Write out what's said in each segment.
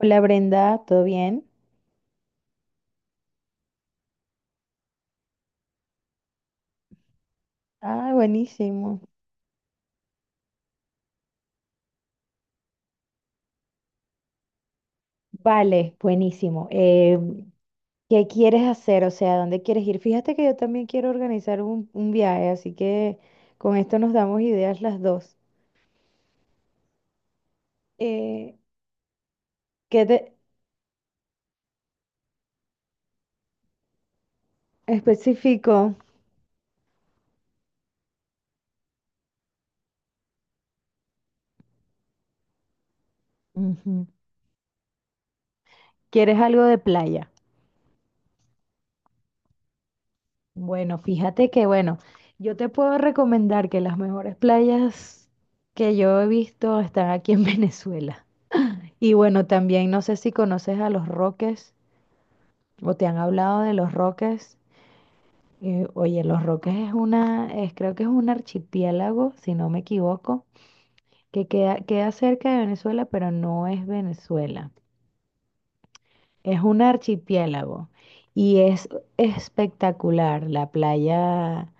Hola Brenda, ¿todo bien? Ah, buenísimo. Vale, buenísimo. ¿Qué quieres hacer? O sea, ¿dónde quieres ir? Fíjate que yo también quiero organizar un viaje, así que con esto nos damos ideas las dos. Eh, ¿Qué te especifico? Ujú. ¿Quieres algo de playa? Bueno, fíjate que, bueno, yo te puedo recomendar que las mejores playas que yo he visto están aquí en Venezuela. Y bueno, también no sé si conoces a Los Roques, o te han hablado de los Roques. Oye, los Roques es una, es, creo que es un archipiélago, si no me equivoco, que queda cerca de Venezuela, pero no es Venezuela. Es un archipiélago y es espectacular la playa.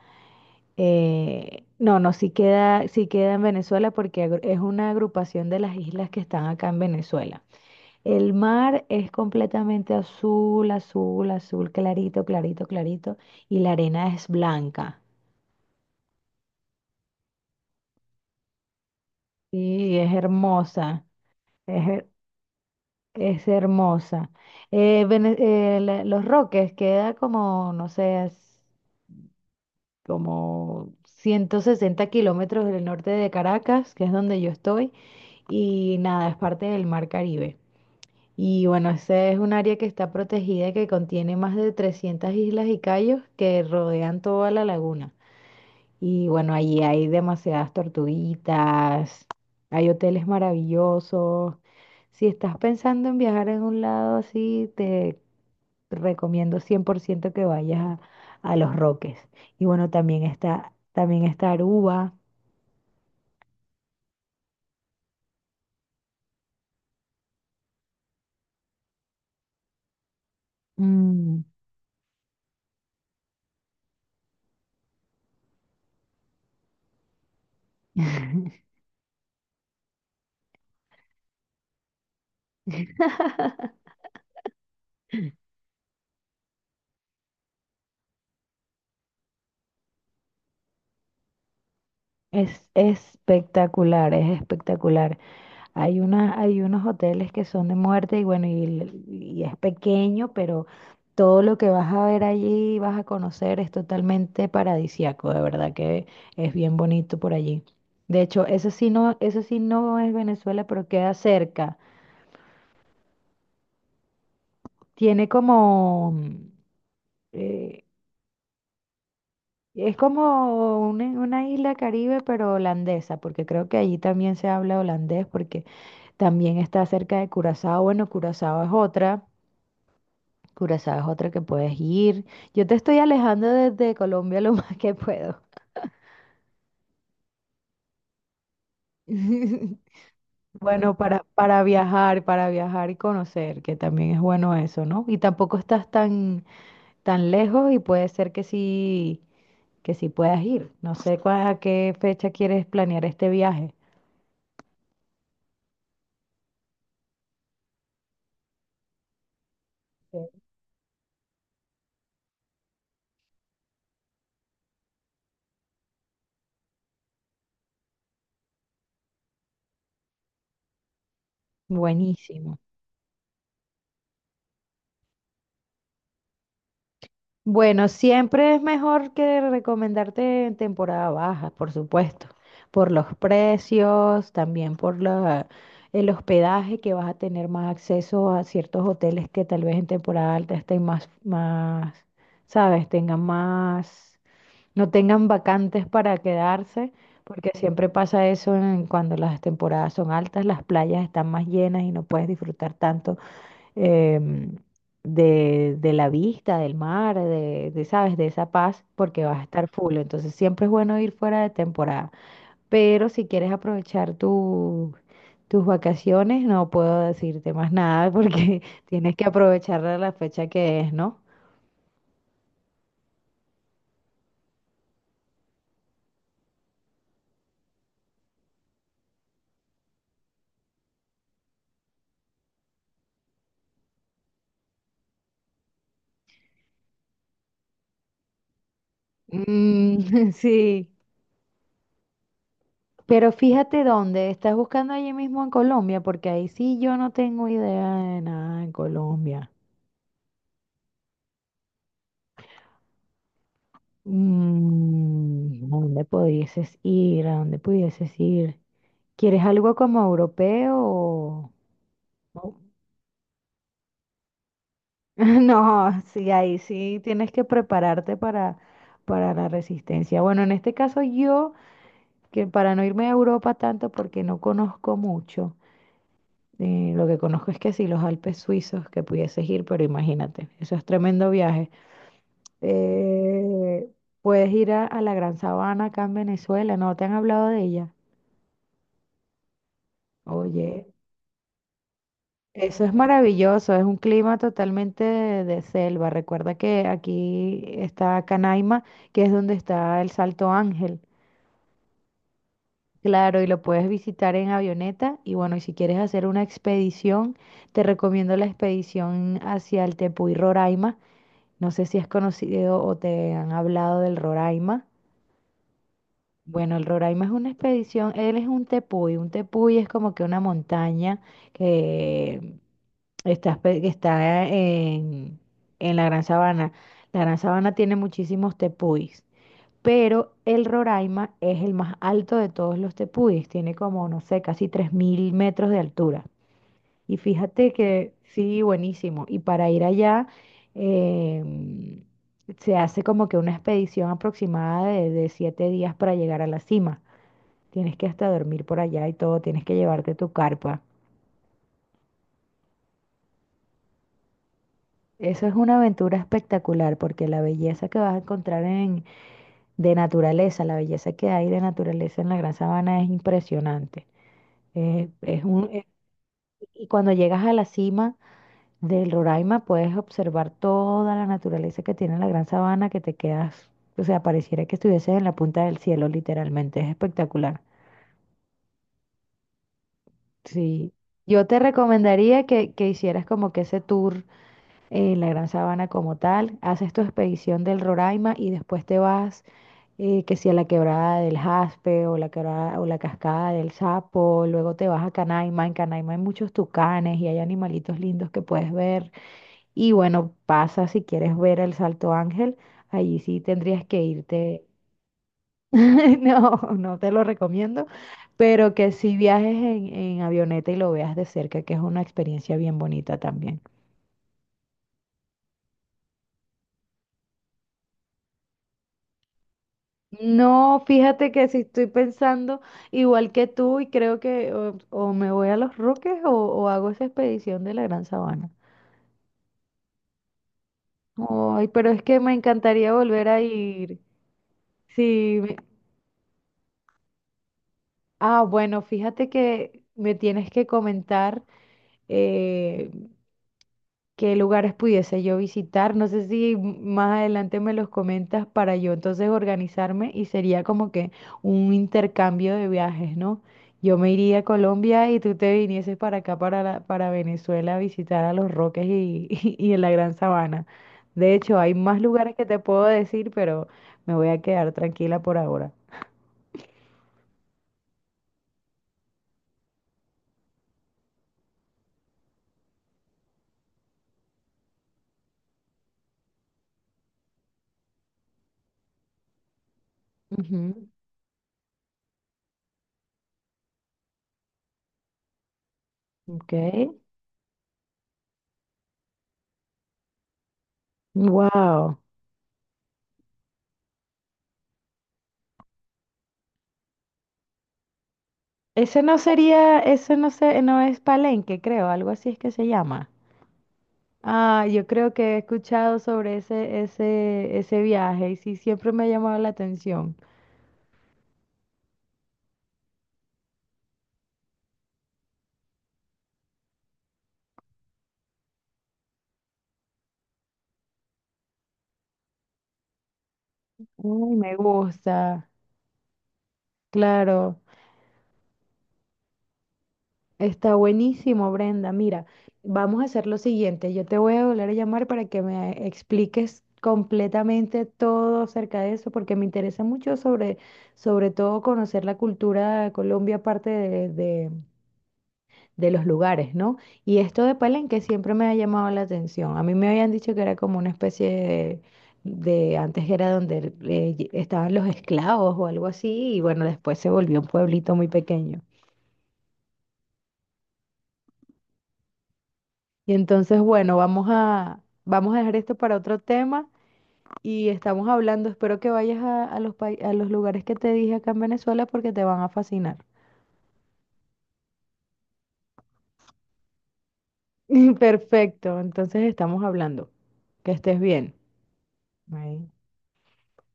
No, no, sí queda en Venezuela porque es una agrupación de las islas que están acá en Venezuela. El mar es completamente azul, azul, azul, clarito, clarito, clarito. Y la arena es blanca. Sí, es hermosa. Es, her- es hermosa. Los Roques queda como, no sé, es como 160 kilómetros del norte de Caracas, que es donde yo estoy. Y nada, es parte del Mar Caribe. Y bueno, ese es un área que está protegida, que contiene más de 300 islas y cayos que rodean toda la laguna. Y bueno, allí hay demasiadas tortuguitas, hay hoteles maravillosos. Si estás pensando en viajar en un lado así, te recomiendo 100% que vayas a Los Roques. Y bueno, también está Aruba. Mm. Es espectacular, es espectacular. Hay una, hay unos hoteles que son de muerte y bueno, y es pequeño, pero todo lo que vas a ver allí, vas a conocer, es totalmente paradisíaco, de verdad que es bien bonito por allí. De hecho, eso sí no es Venezuela, pero queda cerca. Tiene como, eh, es como una isla Caribe, pero holandesa, porque creo que allí también se habla holandés, porque también está cerca de Curazao. Bueno, Curazao es otra. Curazao es otra que puedes ir. Yo te estoy alejando desde Colombia lo más que puedo. Bueno, para viajar y conocer, que también es bueno eso, ¿no? Y tampoco estás tan lejos y puede ser que sí, puedas ir. No sé a qué fecha quieres planear este viaje. Sí. Buenísimo. Bueno, siempre es mejor que recomendarte en temporada baja, por supuesto, por los precios, también por el hospedaje, que vas a tener más acceso a ciertos hoteles que tal vez en temporada alta estén más, sabes, tengan más, no tengan vacantes para quedarse, porque siempre pasa eso cuando las temporadas son altas, las playas están más llenas y no puedes disfrutar tanto em, de la vista, del mar, de, ¿sabes? De esa paz, porque vas a estar full. Entonces siempre es bueno ir fuera de temporada. Pero si quieres aprovechar tus vacaciones, no puedo decirte más nada porque tienes que aprovechar la fecha que es, ¿no? Mm, sí. Pero fíjate dónde, estás buscando allí mismo en Colombia, porque ahí sí yo no tengo idea de nada en Colombia. ¿A dónde pudieses ir? ¿A dónde pudieses ir? ¿Quieres algo como europeo o- No, sí, ahí sí tienes que prepararte para la resistencia. Bueno, en este caso yo, que para no irme a Europa tanto porque no conozco mucho, lo que conozco es que sí, los Alpes suizos, que pudieses ir, pero imagínate, eso es tremendo viaje. Eh, puedes ir a la Gran Sabana acá en Venezuela, ¿no te han hablado de ella? Oye. Eso es maravilloso, es un clima totalmente de selva. Recuerda que aquí está Canaima, que es donde está el Salto Ángel. Claro, y lo puedes visitar en avioneta. Y bueno, y si quieres hacer una expedición, te recomiendo la expedición hacia el Tepuy Roraima. No sé si has conocido o te han hablado del Roraima. Bueno, el Roraima es una expedición, él es un tepuy. Un tepuy es como que una montaña que está en, la Gran Sabana. La Gran Sabana tiene muchísimos tepuis, pero el Roraima es el más alto de todos los tepuis. Tiene como, no sé, casi 3000 metros de altura. Y fíjate que sí, buenísimo. Y para ir allá, em, se hace como que una expedición aproximada de 7 días para llegar a la cima. Tienes que hasta dormir por allá y todo. Tienes que llevarte tu carpa. Eso es una aventura espectacular porque la belleza que vas a encontrar en, de naturaleza, la belleza que hay de naturaleza en la Gran Sabana es impresionante. Eh, es un, eh, y cuando llegas a la cima del Roraima puedes observar toda la naturaleza que tiene la Gran Sabana que te quedas, o sea, pareciera que estuvieses en la punta del cielo literalmente. Es espectacular. Sí. Yo te recomendaría que hicieras como que ese tour, la Gran Sabana como tal, haces tu expedición del Roraima y después te vas, que si a la quebrada del Jaspe o la quebrada o la cascada del Sapo, luego te vas a Canaima. En Canaima hay muchos tucanes y hay animalitos lindos que puedes ver. Y bueno, pasa si quieres ver el Salto Ángel, allí sí tendrías que irte. No, no te lo recomiendo, pero que si viajes en avioneta y lo veas de cerca, que es una experiencia bien bonita también. No, fíjate que si estoy pensando igual que tú, y creo que o me voy a Los Roques o hago esa expedición de la Gran Sabana. Ay, pero es que me encantaría volver a ir. Sí, ah, bueno, fíjate que me tienes que comentar eh, qué lugares pudiese yo visitar. No sé si más adelante me los comentas para yo entonces organizarme, y sería como que un intercambio de viajes, ¿no? Yo me iría a Colombia y tú te vinieses para acá, para Venezuela, a visitar a Los Roques y, y en la Gran Sabana. De hecho, hay más lugares que te puedo decir, pero me voy a quedar tranquila por ahora. Ujú. Ok. Wow. Ese no sería, ese no sé, no es Palenque, creo, algo así es que se llama. Ah, yo creo que he escuchado sobre ese viaje y sí, siempre me ha llamado la atención. Uy, me gusta, claro. Está buenísimo, Brenda. Mira, vamos a hacer lo siguiente. Yo te voy a volver a llamar para que me expliques completamente todo acerca de eso, porque me interesa mucho sobre todo conocer la cultura de Colombia, aparte de los lugares, ¿no? Y esto de Palenque siempre me ha llamado la atención. A mí me habían dicho que era como una especie de antes era donde estaban los esclavos o algo así, y bueno, después se volvió un pueblito muy pequeño. Y entonces, bueno, vamos a dejar esto para otro tema, y estamos hablando, espero que vayas a los lugares que te dije acá en Venezuela porque te van a fascinar. Perfecto, entonces estamos hablando. Que estés bien. Bye.